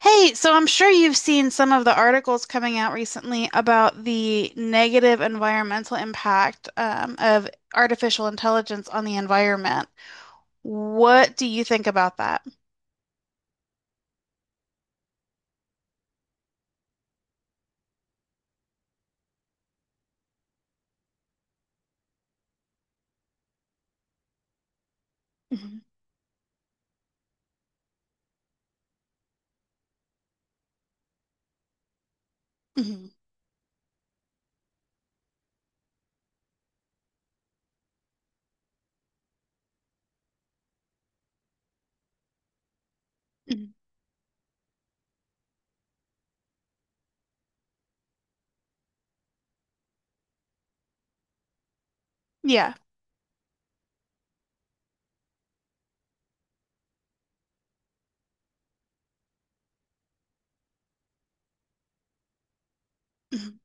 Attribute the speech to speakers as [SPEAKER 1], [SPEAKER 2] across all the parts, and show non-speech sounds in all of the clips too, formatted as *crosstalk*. [SPEAKER 1] Hey, so I'm sure you've seen some of the articles coming out recently about the negative environmental impact of artificial intelligence on the environment. What do you think about that? Mhm, mhm, mhm. Yeah. Mm-hmm.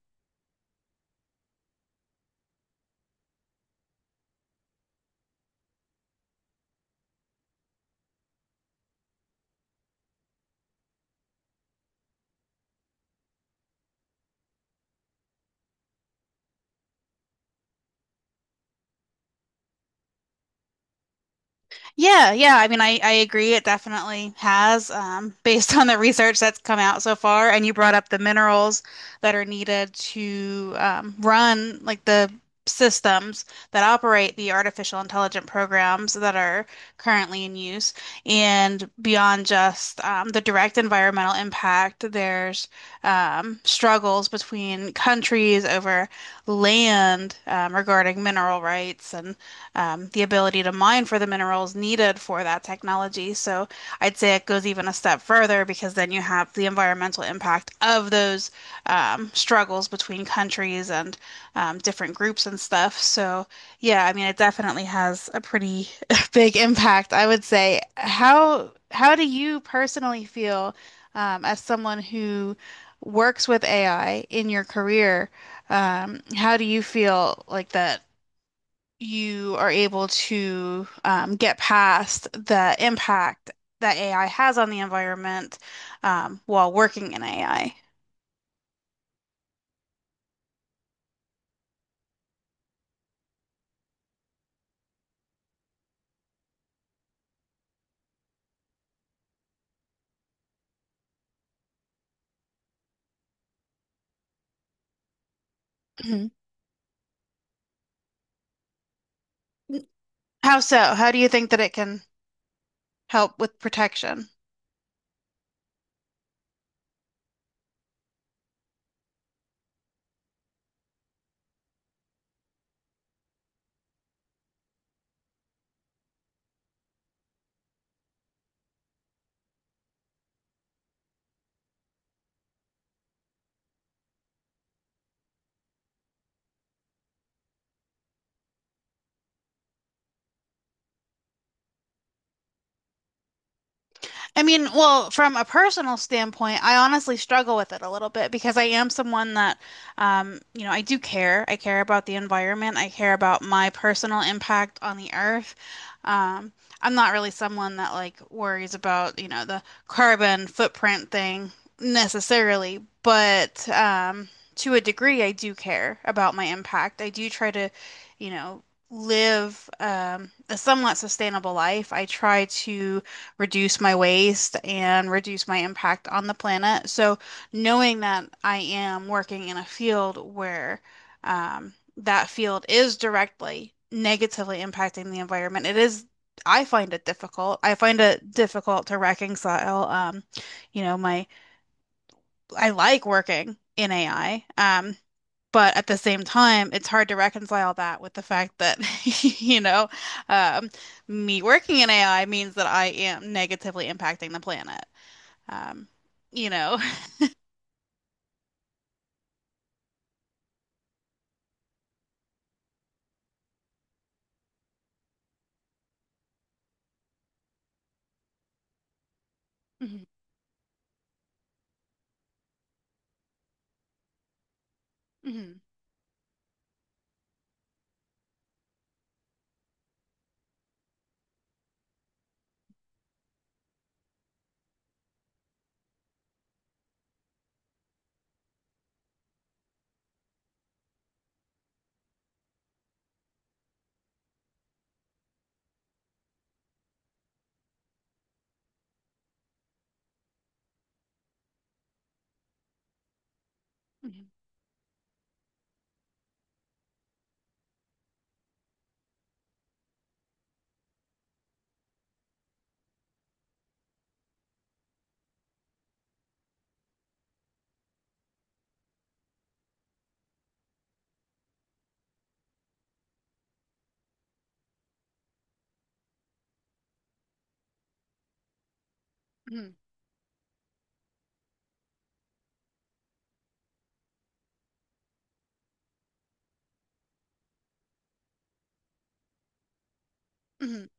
[SPEAKER 1] Yeah, yeah. I mean, I agree. It definitely has, *laughs* based on the research that's come out so far. And you brought up the minerals that are needed to run like the systems that operate the artificial intelligent programs that are currently in use. And beyond just the direct environmental impact, there's struggles between countries over land regarding mineral rights and the ability to mine for the minerals needed for that technology. So I'd say it goes even a step further because then you have the environmental impact of those struggles between countries and different groups and stuff. So yeah, I mean, it definitely has a pretty *laughs* big impact, I would say. How do you personally feel as someone who works with AI in your career? How do you feel like that you are able to get past the impact that AI has on the environment while working in AI. Mhm. How so? How do you think that it can help with protection? I mean, well, from a personal standpoint, I honestly struggle with it a little bit because I am someone that, I do care. I care about the environment. I care about my personal impact on the earth. Um, I'm not really someone that like worries about, the carbon footprint thing necessarily, but to a degree, I do care about my impact. I do try to, you know, live a somewhat sustainable life. I try to reduce my waste and reduce my impact on the planet. So knowing that I am working in a field where that field is directly negatively impacting the environment, I find it difficult. I find it difficult to reconcile, you know, my, I like working in AI. But at the same time, it's hard to reconcile that with the fact that, *laughs* you know, um, me working in AI means that I am negatively impacting the planet. Um, you know. *laughs* Mhm, mhm, mhm, mhm, mhm.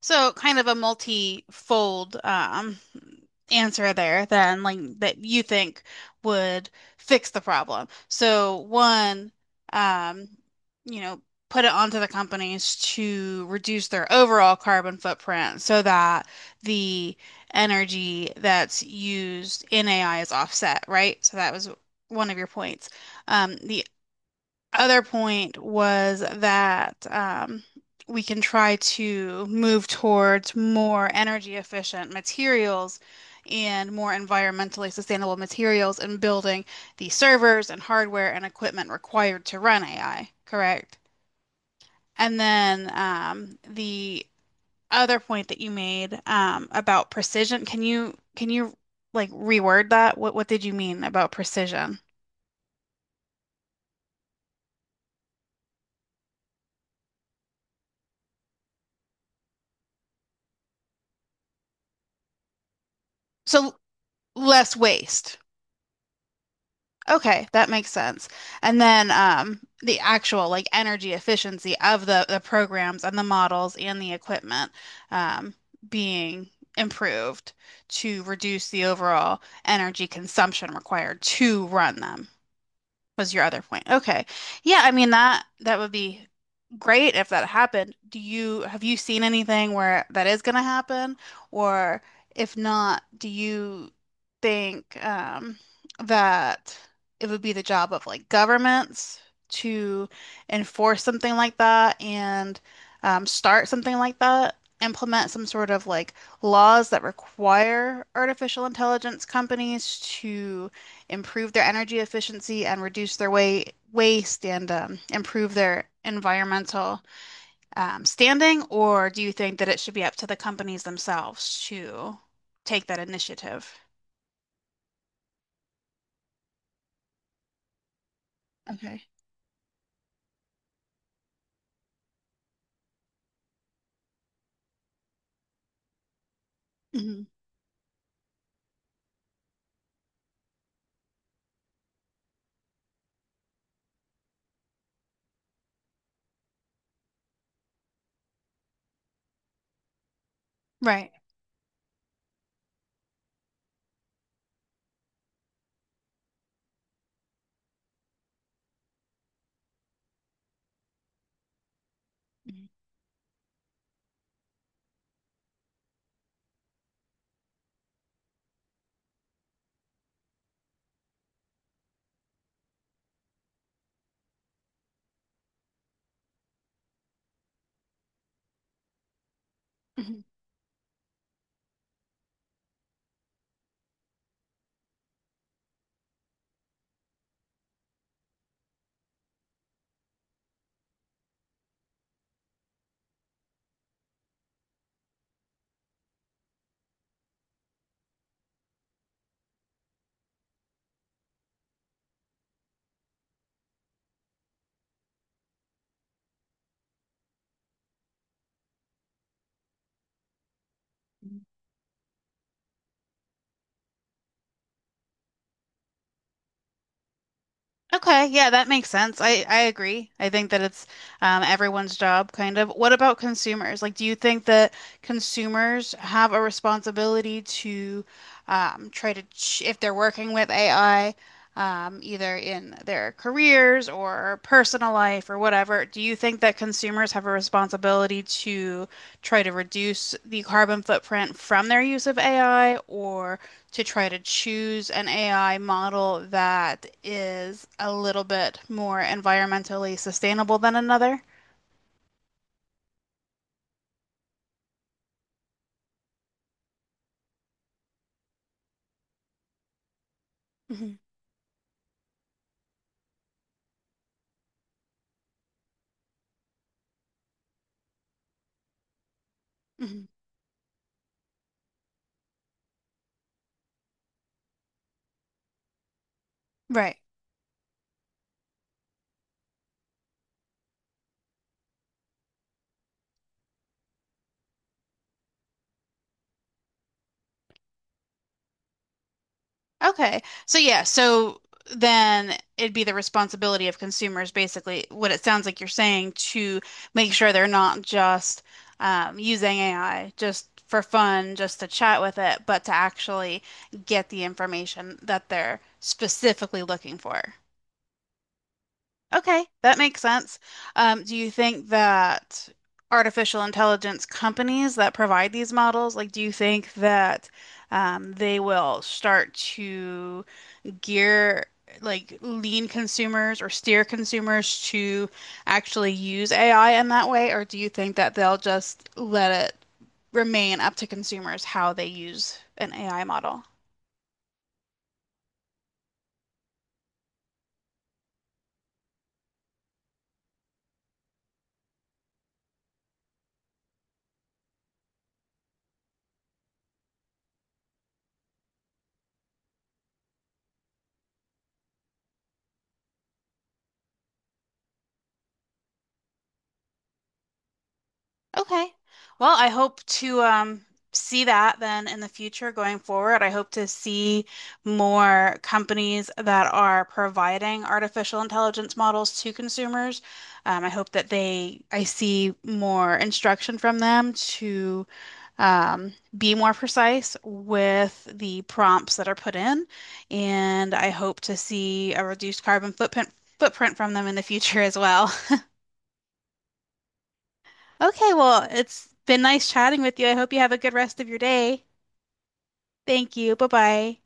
[SPEAKER 1] So kind of a multi-fold answer there then, like that you think would fix the problem. So one, um, you know, put it onto the companies to reduce their overall carbon footprint so that the energy that's used in AI is offset, right? So that was one of your points. The other point was that we can try to move towards more energy efficient materials and more environmentally sustainable materials in building the servers and hardware and equipment required to run AI, correct? And then the other point that you made about precision, can you like reword that? What did you mean about precision? So less waste. Okay, that makes sense. And then the actual like energy efficiency of the programs and the models and the equipment um, being improved to reduce the overall energy consumption required to run them was your other point. Okay. Yeah, I mean that would be great if that happened. Do you have you seen anything where that is going to happen? Or if not, do you think that it would be the job of like governments to enforce something like that and start something like that? Implement some sort of like laws that require artificial intelligence companies to improve their energy efficiency and reduce their waste and improve their environmental standing, or do you think that it should be up to the companies themselves to take that initiative? Okay. Mhm. Right. Mhm. Mhm. Okay, yeah, that makes sense. I agree. I think that it's everyone's job, kind of. What about consumers? Like, do you think that consumers have a responsibility to try to, ch if they're working with AI, either in their careers or personal life or whatever, do you think that consumers have a responsibility to try to reduce the carbon footprint from their use of AI, or to try to choose an AI model that is a little bit more environmentally sustainable than another. Hmm. Hmm. Right. Okay. So yeah, so then it'd be the responsibility of consumers, basically, what it sounds like you're saying, to make sure they're not just using AI just for fun, just to chat with it, but to actually get the information that they're specifically looking for. Okay, that makes sense. Do you think that artificial intelligence companies that provide these models, like, do you think that they will start to gear, like, lean consumers or steer consumers to actually use AI in that way? Or do you think that they'll just let it remain up to consumers how they use an AI model? Okay. Well, I hope to see that then in the future going forward. I hope to see more companies that are providing artificial intelligence models to consumers. I hope that they, I see more instruction from them to um, be more precise with the prompts that are put in. And I hope to see a reduced carbon footprint from them in the future as well. Okay, well, it's been nice chatting with you. I hope you have a good rest of your day. Thank you. Bye-bye.